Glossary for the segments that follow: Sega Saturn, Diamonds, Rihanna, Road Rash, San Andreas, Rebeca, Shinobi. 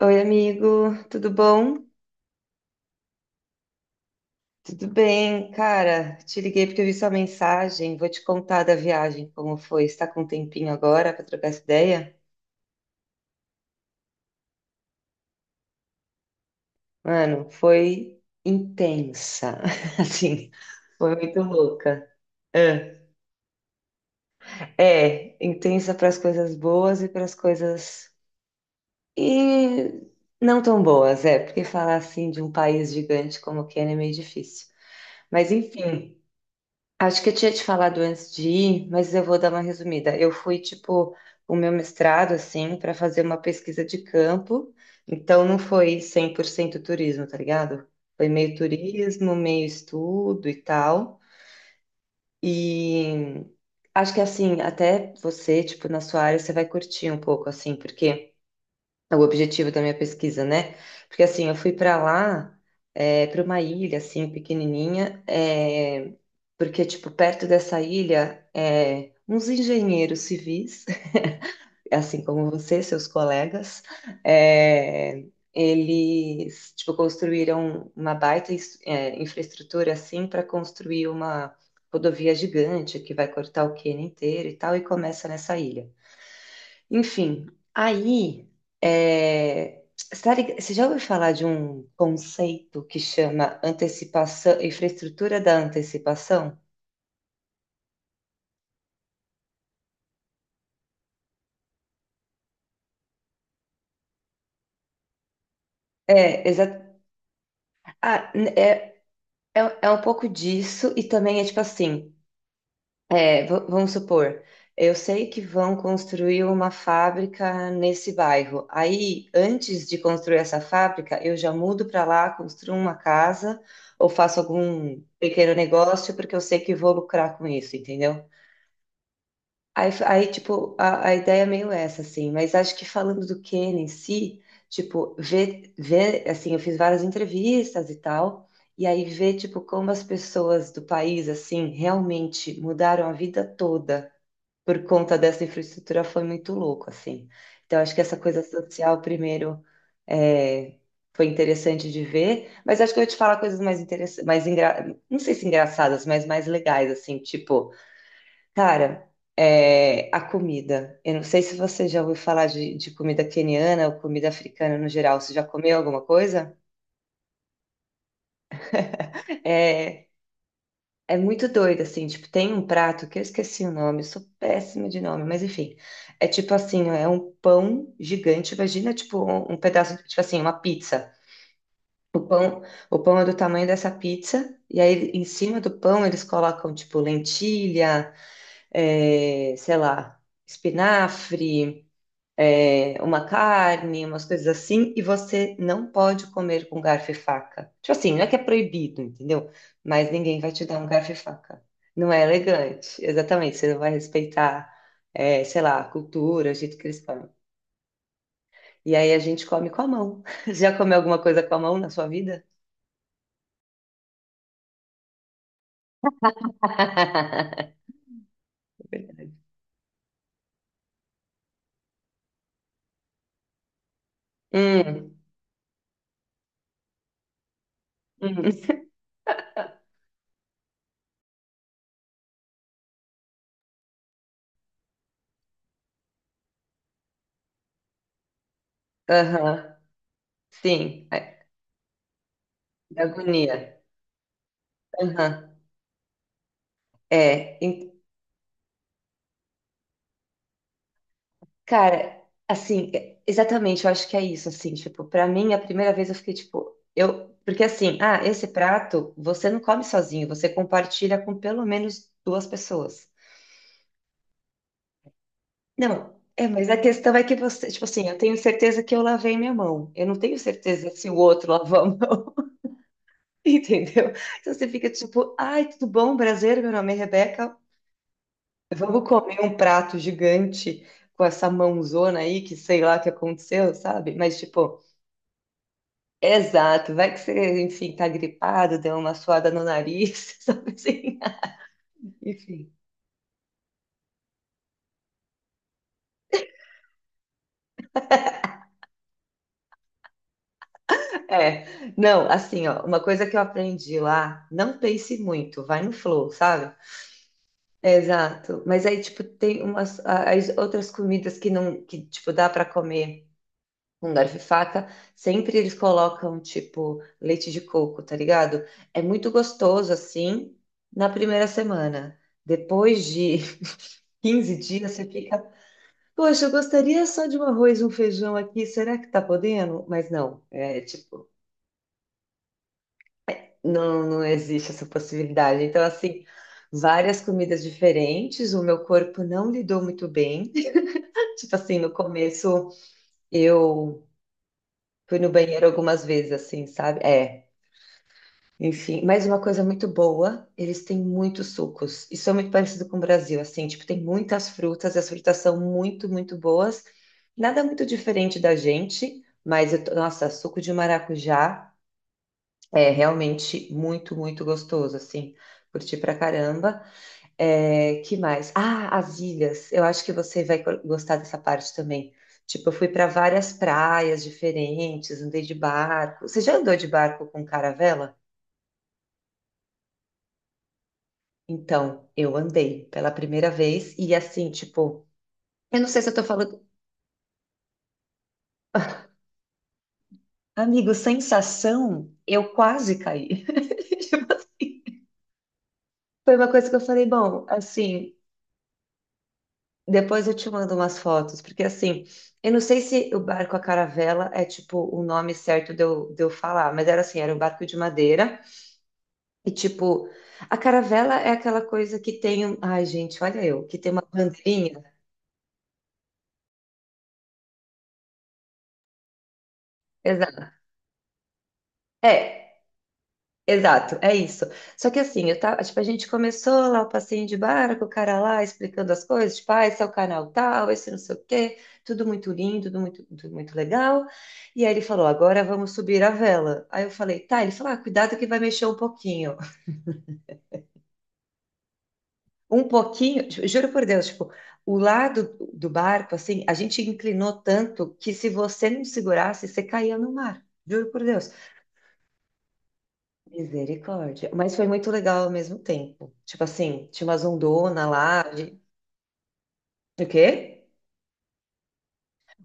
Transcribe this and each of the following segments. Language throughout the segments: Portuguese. Oi, amigo, tudo bom? Tudo bem, cara. Te liguei porque eu vi sua mensagem. Vou te contar da viagem, como foi. Está com um tempinho agora para trocar essa ideia? Mano, foi intensa. Assim, foi muito louca. É, é, intensa para as coisas boas e para as coisas e não tão boas, é, porque falar assim de um país gigante como o Quênia é meio difícil. Mas enfim, acho que eu tinha te falado antes de ir, mas eu vou dar uma resumida. Eu fui, tipo, o meu mestrado, assim, para fazer uma pesquisa de campo, então não foi 100% turismo, tá ligado? Foi meio turismo, meio estudo e tal. E acho que, assim, até você, tipo, na sua área, você vai curtir um pouco, assim, porque. É, o objetivo da minha pesquisa, né? Porque assim, eu fui para lá, para uma ilha assim pequenininha, é, porque tipo perto dessa ilha, é, uns engenheiros civis, assim como você, seus colegas, é, eles tipo construíram uma baita infraestrutura assim para construir uma rodovia gigante que vai cortar o Quênia inteiro e tal e começa nessa ilha. Enfim, aí, é, você já ouviu falar de um conceito que chama antecipação, infraestrutura da antecipação? É, exato. Ah, é um pouco disso e também é tipo assim, é, vamos supor, eu sei que vão construir uma fábrica nesse bairro. Aí, antes de construir essa fábrica, eu já mudo para lá, construo uma casa ou faço algum pequeno negócio porque eu sei que vou lucrar com isso, entendeu? Aí, tipo, a ideia é meio essa, assim, mas acho que falando do Ken em si, tipo, ver, assim, eu fiz várias entrevistas e tal, e aí ver, tipo, como as pessoas do país, assim, realmente mudaram a vida toda por conta dessa infraestrutura foi muito louco, assim. Então, acho que essa coisa social, primeiro, é, foi interessante de ver, mas acho que eu ia te falar coisas mais interessantes, mais engra... não sei se engraçadas, mas mais legais, assim, tipo. Cara, é, a comida. Eu não sei se você já ouviu falar de comida queniana ou comida africana no geral. Você já comeu alguma coisa? É, é muito doido, assim. Tipo, tem um prato que eu esqueci o nome, eu sou péssima de nome, mas enfim. É tipo assim, é um pão gigante. Imagina, tipo, um pedaço, tipo assim, uma pizza. O pão, o pão é do tamanho dessa pizza, e aí em cima do pão eles colocam, tipo, lentilha, é, sei lá, espinafre, é, uma carne, umas coisas assim, e você não pode comer com garfo e faca. Tipo assim, não é que é proibido, entendeu? Mas ninguém vai te dar um garfo e faca. Não é elegante, exatamente. Você não vai respeitar, é, sei lá, a cultura, o jeito que eles comem. E aí a gente come com a mão. Já comeu alguma coisa com a mão na sua vida? Hum, hum, aham, sim, é, da agonia. Aham, é, cara, assim, é- exatamente, eu acho que é isso, assim, tipo, pra mim, a primeira vez eu fiquei, tipo, eu, porque assim, ah, esse prato, você não come sozinho, você compartilha com pelo menos duas pessoas. Não, é, mas a questão é que você, tipo assim, eu tenho certeza que eu lavei minha mão, eu não tenho certeza se o outro lavou a mão, entendeu? Então você fica, tipo, ai, tudo bom, prazer, meu nome é Rebeca, vamos comer um prato gigante com essa mãozona aí, que sei lá o que aconteceu, sabe? Mas, tipo... Exato, vai que você, enfim, tá gripado, deu uma suada no nariz, sabe assim? Enfim. É, não, assim, ó, uma coisa que eu aprendi lá, não pense muito, vai no flow, sabe? Exato. Mas aí, tipo, tem umas as outras comidas que não, que, tipo, dá para comer com garfo e faca, sempre eles colocam, tipo, leite de coco, tá ligado? É muito gostoso, assim, na primeira semana. Depois de 15 dias, você fica: poxa, eu gostaria só de um arroz e um feijão aqui. Será que tá podendo? Mas não, é tipo, não, não existe essa possibilidade. Então, assim, várias comidas diferentes. O meu corpo não lidou muito bem. Tipo assim, no começo eu fui no banheiro algumas vezes, assim, sabe? É. Enfim, mas uma coisa muito boa, eles têm muitos sucos. Isso é muito parecido com o Brasil, assim, tipo, tem muitas frutas, e as frutas são muito, muito boas. Nada muito diferente da gente, mas eu, tô- nossa, suco de maracujá é realmente muito, muito gostoso, assim. Curti pra caramba. É, que mais? Ah, as ilhas. Eu acho que você vai gostar dessa parte também. Tipo, eu fui para várias praias diferentes, andei de barco. Você já andou de barco com caravela? Então, eu andei pela primeira vez e assim, tipo, eu não sei se eu tô falando, amigo, sensação, eu quase caí. Foi uma coisa que eu falei, bom, assim, depois eu te mando umas fotos, porque assim, eu não sei se o barco a caravela é tipo o nome certo de eu falar, mas era assim, era um barco de madeira e tipo, a caravela é aquela coisa que tem, um- ai gente, olha eu, que tem uma bandeirinha. Exato. É, exato, é isso. Só que assim, eu tava, tipo, a gente começou lá o passeio de barco, o cara lá explicando as coisas, tipo, ah, esse é o canal tal, esse não sei o quê, tudo muito lindo, tudo muito legal. E aí ele falou, agora vamos subir a vela. Aí eu falei, tá, ele falou, ah, cuidado que vai mexer um pouquinho. Um pouquinho, juro por Deus, tipo, o lado do barco, assim, a gente inclinou tanto que se você não segurasse, você caía no mar. Juro por Deus. Misericórdia. Mas foi muito legal ao mesmo tempo. Tipo assim, tinha umas ondonas lá. De... O quê?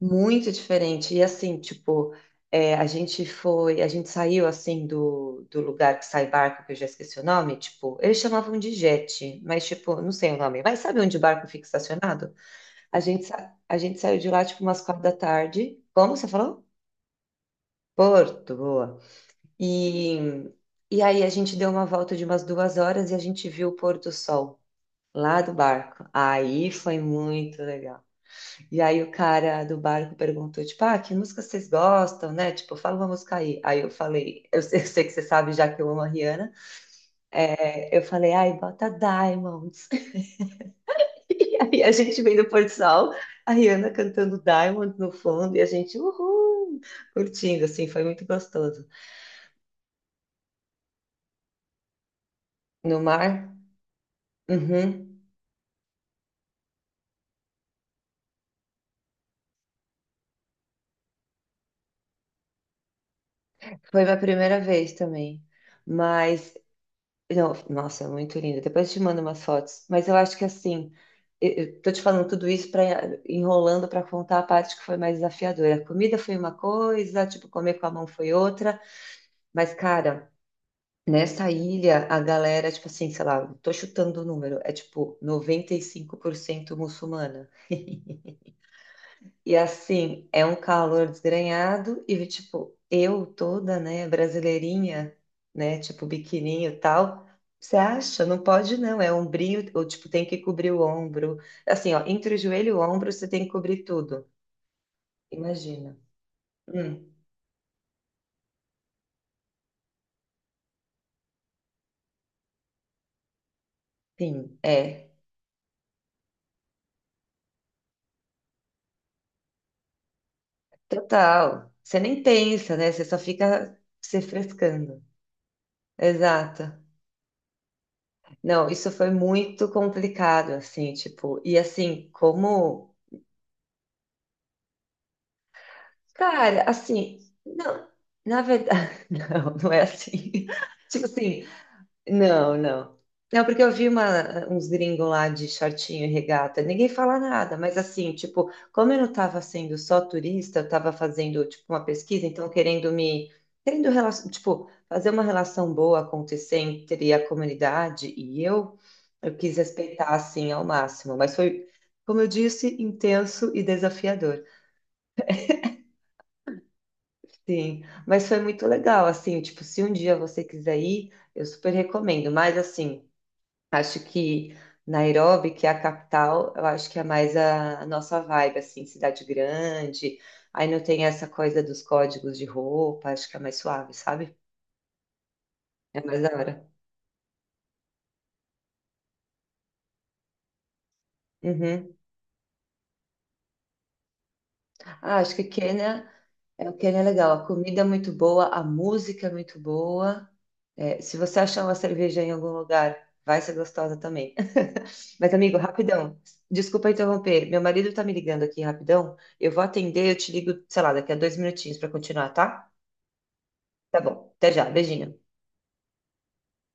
Muito diferente. E assim, tipo, é, a gente foi, a gente saiu assim do lugar que sai barco, que eu já esqueci o nome, tipo, eles chamavam de jet, mas tipo, não sei o nome. Mas sabe onde o barco fica estacionado? A gente saiu de lá, tipo, umas 4 da tarde. Como você falou? Porto, boa. E, e aí a gente deu uma volta de umas 2 horas e a gente viu o pôr do sol. Lá do barco. Aí foi muito legal. E aí o cara do barco perguntou, tipo, ah, que música vocês gostam, né? Tipo, fala uma música aí. Aí eu falei, eu sei que você sabe já que eu amo a Rihanna. É, eu falei, ai, bota Diamonds. E aí a gente vem do Porto Sol, a Rihanna cantando Diamonds no fundo e a gente, uhul, curtindo, assim, foi muito gostoso. No mar, uhum, foi minha primeira vez também. Mas não, nossa, é muito linda. Depois te mando umas fotos. Mas eu acho que assim, eu tô te falando tudo isso para enrolando para contar a parte que foi mais desafiadora. A comida foi uma coisa, tipo, comer com a mão foi outra. Mas, cara, nessa ilha, a galera, tipo assim, sei lá, tô chutando o número, é tipo 95% muçulmana. E assim, é um calor desgrenhado e tipo, eu toda, né, brasileirinha, né, tipo biquininho e tal. Você acha? Não pode não, é ombrinho, ou tipo, tem que cobrir o ombro. Assim, ó, entre o joelho e o ombro você tem que cobrir tudo. Imagina. Hum, sim, é. Total. Você nem pensa, né? Você só fica se frescando. Exato. Não, isso foi muito complicado, assim, tipo, e assim, como cara, assim, não, na verdade, não, não é assim. Tipo assim, não, não. Não, porque eu vi uma, uns gringos lá de shortinho e regata, ninguém fala nada, mas assim, tipo, como eu não estava sendo só turista, eu estava fazendo, tipo, uma pesquisa, então querendo me, querendo, tipo, fazer uma relação boa acontecer entre a comunidade e eu quis respeitar, assim, ao máximo, mas foi, como eu disse, intenso e desafiador. Sim, mas foi muito legal, assim, tipo, se um dia você quiser ir, eu super recomendo. Mas assim, acho que Nairobi, que é a capital, eu acho que é mais a nossa vibe, assim, cidade grande. Aí não tem essa coisa dos códigos de roupa, acho que é mais suave, sabe? É mais da hora. Uhum. Ah, acho que Quênia, é, o Quênia é legal. A comida é muito boa, a música é muito boa. É, se você achar uma cerveja em algum lugar, vai ser gostosa também. Mas, amigo, rapidão. Desculpa interromper. Meu marido tá me ligando aqui rapidão. Eu vou atender, eu te ligo, sei lá, daqui a 2 minutinhos para continuar, tá? Tá bom. Até já. Beijinho.